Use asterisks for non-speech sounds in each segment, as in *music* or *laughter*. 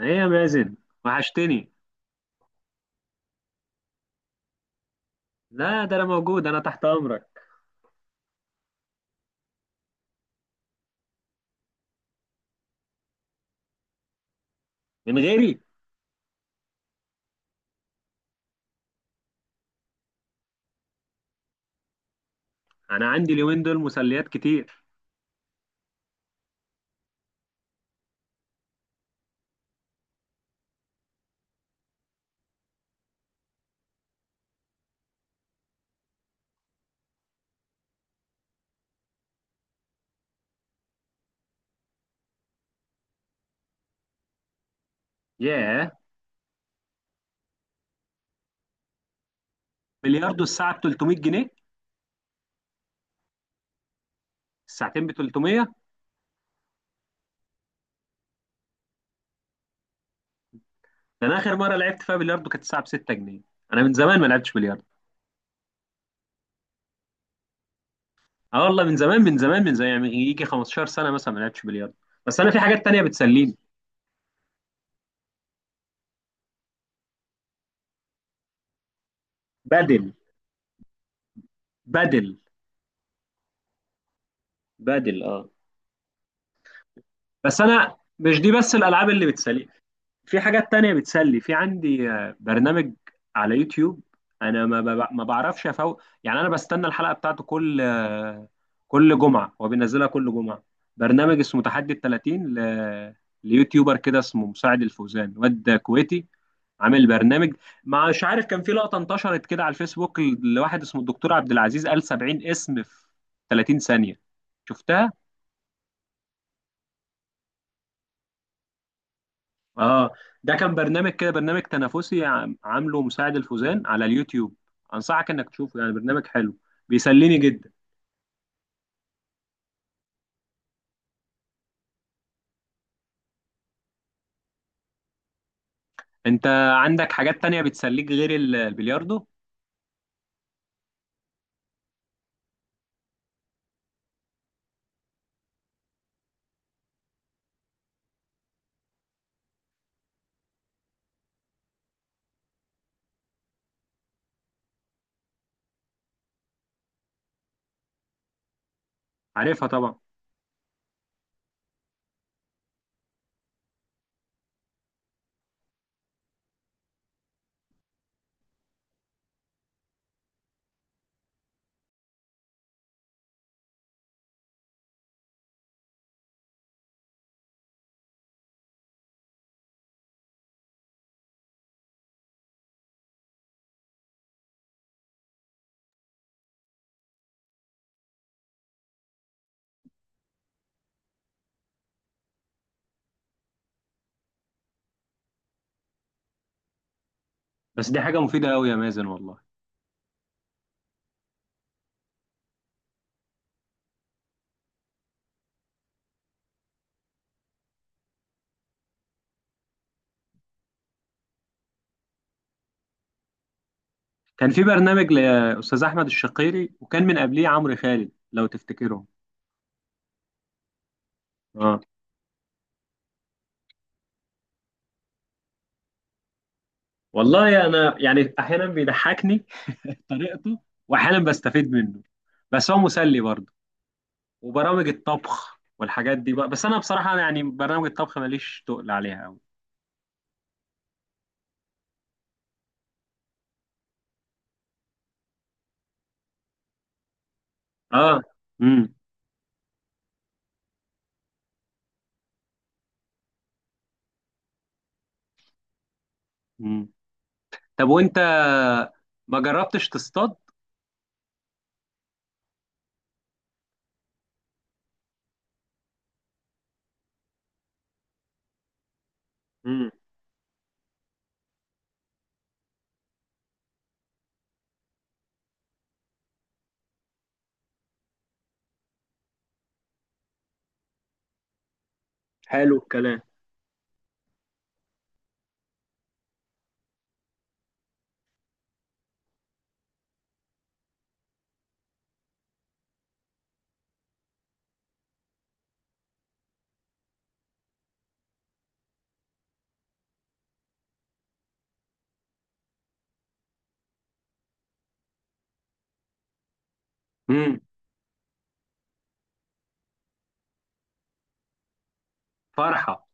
ايه يا مازن؟ وحشتني. لا، ده انا موجود، انا تحت امرك. من غيري؟ انا عندي اليومين دول مسليات كتير. ياه، بلياردو الساعه ب 300 جنيه؟ الساعتين ب 300. ده انا اخر مره لعبت فيها بلياردو كانت الساعه ب 6 جنيه. انا من زمان ما لعبتش بلياردو. اه والله، من زمان من زمان من زمان، يعني يجي 15 سنه مثلا ما لعبتش بلياردو. بس انا في حاجات تانية بتسليني. بدل بدل بدل، اه. بس انا مش دي بس الالعاب اللي بتسليني، في حاجات تانية بتسلي، في عندي برنامج على يوتيوب. انا ما بعرفش افوق، يعني انا بستنى الحلقة بتاعته كل كل جمعة، هو بينزلها كل جمعة. برنامج اسمه تحدي ال 30 ليوتيوبر كده اسمه مساعد الفوزان، واد كويتي عامل برنامج. مش عارف كان في لقطة انتشرت كده على الفيسبوك لواحد اسمه الدكتور عبد العزيز، قال 70 اسم في 30 ثانية، شفتها؟ اه، ده كان برنامج كده، برنامج تنافسي عامله مساعد الفوزان على اليوتيوب. انصحك انك تشوفه، يعني برنامج حلو، بيسليني جدا. انت عندك حاجات تانية بتسليك غير البلياردو؟ عارفها طبعا. بس دي حاجة مفيدة قوي يا مازن، والله. كان في برنامج لأستاذ أحمد الشقيري، وكان من قبليه عمرو خالد، لو تفتكرهم. اه والله، انا يعني احيانا بيضحكني *laughs* طريقته، واحيانا بستفيد منه، بس هو مسلي برضه. وبرامج الطبخ والحاجات دي بقى، بس انا بصراحه انا يعني برامج الطبخ ماليش تقل عليها قوي. اه. امم. امم. طب وانت، ما جربتش تصطاد؟ امم. حلو الكلام. امم. فرحه.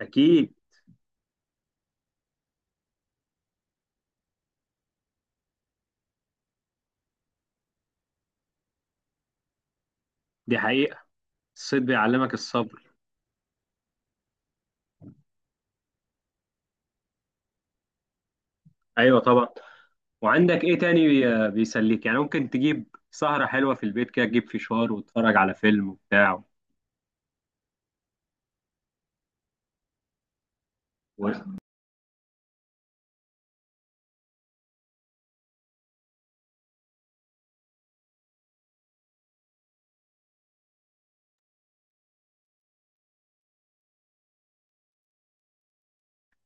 اكيد. دي حقيقه، الصيد بيعلمك الصبر. ايوه طبعا. وعندك ايه تاني بيسليك؟ يعني ممكن تجيب سهره حلوه في البيت كده، تجيب فشار وتتفرج على فيلم وبتاع و...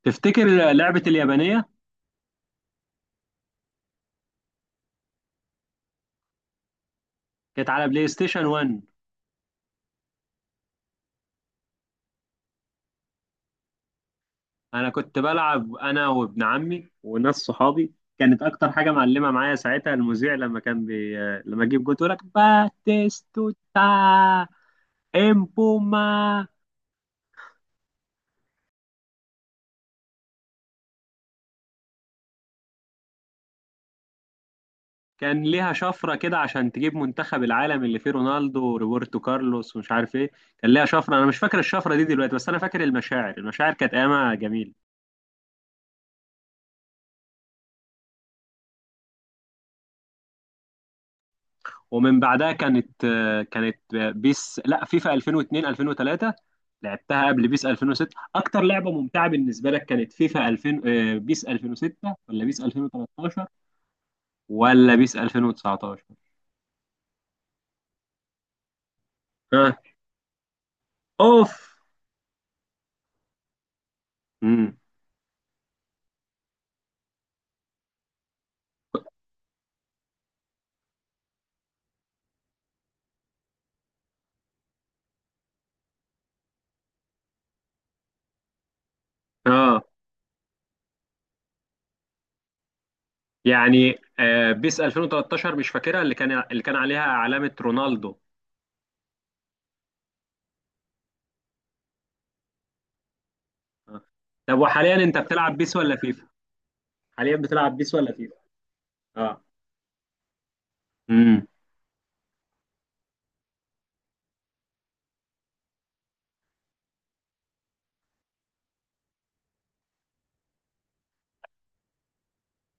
تفتكر لعبه اليابانيه كانت على بلاي ستيشن 1؟ انا كنت بلعب انا وابن عمي وناس صحابي. كانت اكتر حاجه معلمه معايا ساعتها المذيع لما كان لما اجيب جول يقول لك باتيستوتا، امبوما. كان ليها شفره كده عشان تجيب منتخب العالم اللي فيه رونالدو وروبرتو كارلوس ومش عارف ايه. كان ليها شفره، انا مش فاكر الشفره دي دلوقتي، بس انا فاكر المشاعر، المشاعر كانت ايامها جميله. ومن بعدها كانت بيس، لا فيفا 2002، 2003. لعبتها قبل بيس 2006. اكتر لعبه ممتعه بالنسبه لك كانت فيفا 2000، بيس 2006، ولا بيس 2013، ولا بيس 2019؟ ها. اوف. امم. اه. يعني بيس 2013 مش فاكرها، اللي كان عليها علامه رونالدو. آه. طب وحاليا انت بتلعب بيس ولا فيفا؟ حاليا بتلعب بيس ولا فيفا؟ اه. امم.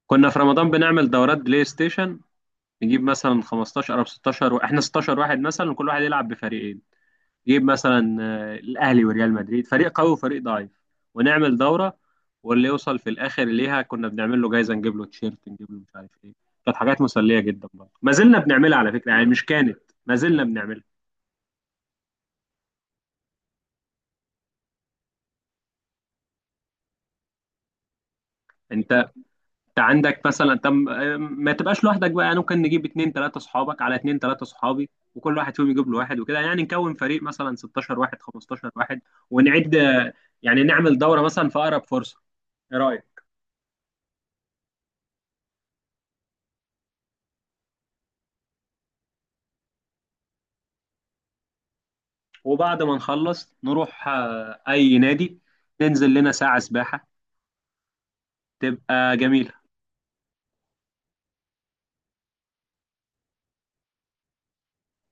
كنا في رمضان بنعمل دورات بلاي ستيشن. نجيب مثلا 15 او 16 احنا 16 واحد مثلا، وكل واحد يلعب بفريقين. نجيب مثلا الاهلي وريال مدريد، فريق قوي وفريق ضعيف، ونعمل دوره. واللي يوصل في الاخر ليها كنا بنعمل له جايزه، نجيب له تيشيرت، نجيب له مش عارف ايه. كانت حاجات مسليه جدا، برضه ما زلنا بنعملها على فكره، يعني مش كانت، ما زلنا بنعملها. انت عندك مثلا، طب ما تبقاش لوحدك بقى، يعني ممكن نجيب اتنين تلاتة صحابك على اتنين تلاتة صحابي، وكل واحد فيهم يجيب له واحد وكده، يعني نكون فريق مثلا 16 واحد، 15 واحد، ونعد، يعني نعمل دورة مثلا في أقرب فرصة. ايه رأيك؟ وبعد ما نخلص نروح أي نادي، ننزل لنا ساعة سباحة، تبقى جميلة.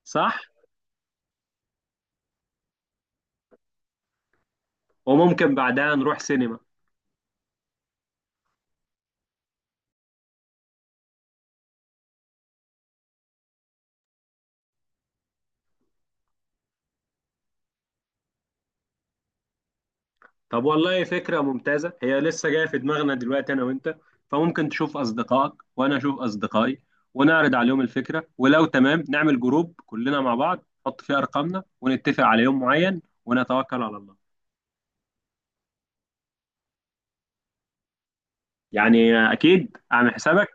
صح. وممكن بعدها نروح سينما. طب والله فكرة ممتازة، هي لسه جاية في دماغنا دلوقتي أنا وأنت. فممكن تشوف أصدقائك وأنا أشوف أصدقائي، ونعرض عليهم الفكرة، ولو تمام نعمل جروب كلنا مع بعض، نحط فيه أرقامنا، ونتفق على يوم معين، ونتوكل على الله. يعني أكيد أعمل حسابك.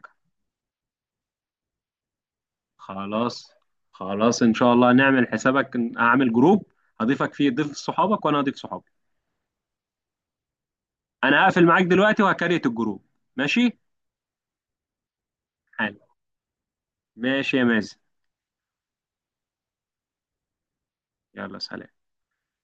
خلاص، خلاص إن شاء الله نعمل حسابك، أعمل جروب هضيفك فيه، ضيف صحابك وأنا هضيف صحابي. أنا هقفل معاك دلوقتي وهكريت الجروب. ماشي. حال، ماشي يا مازن. يلا سلام.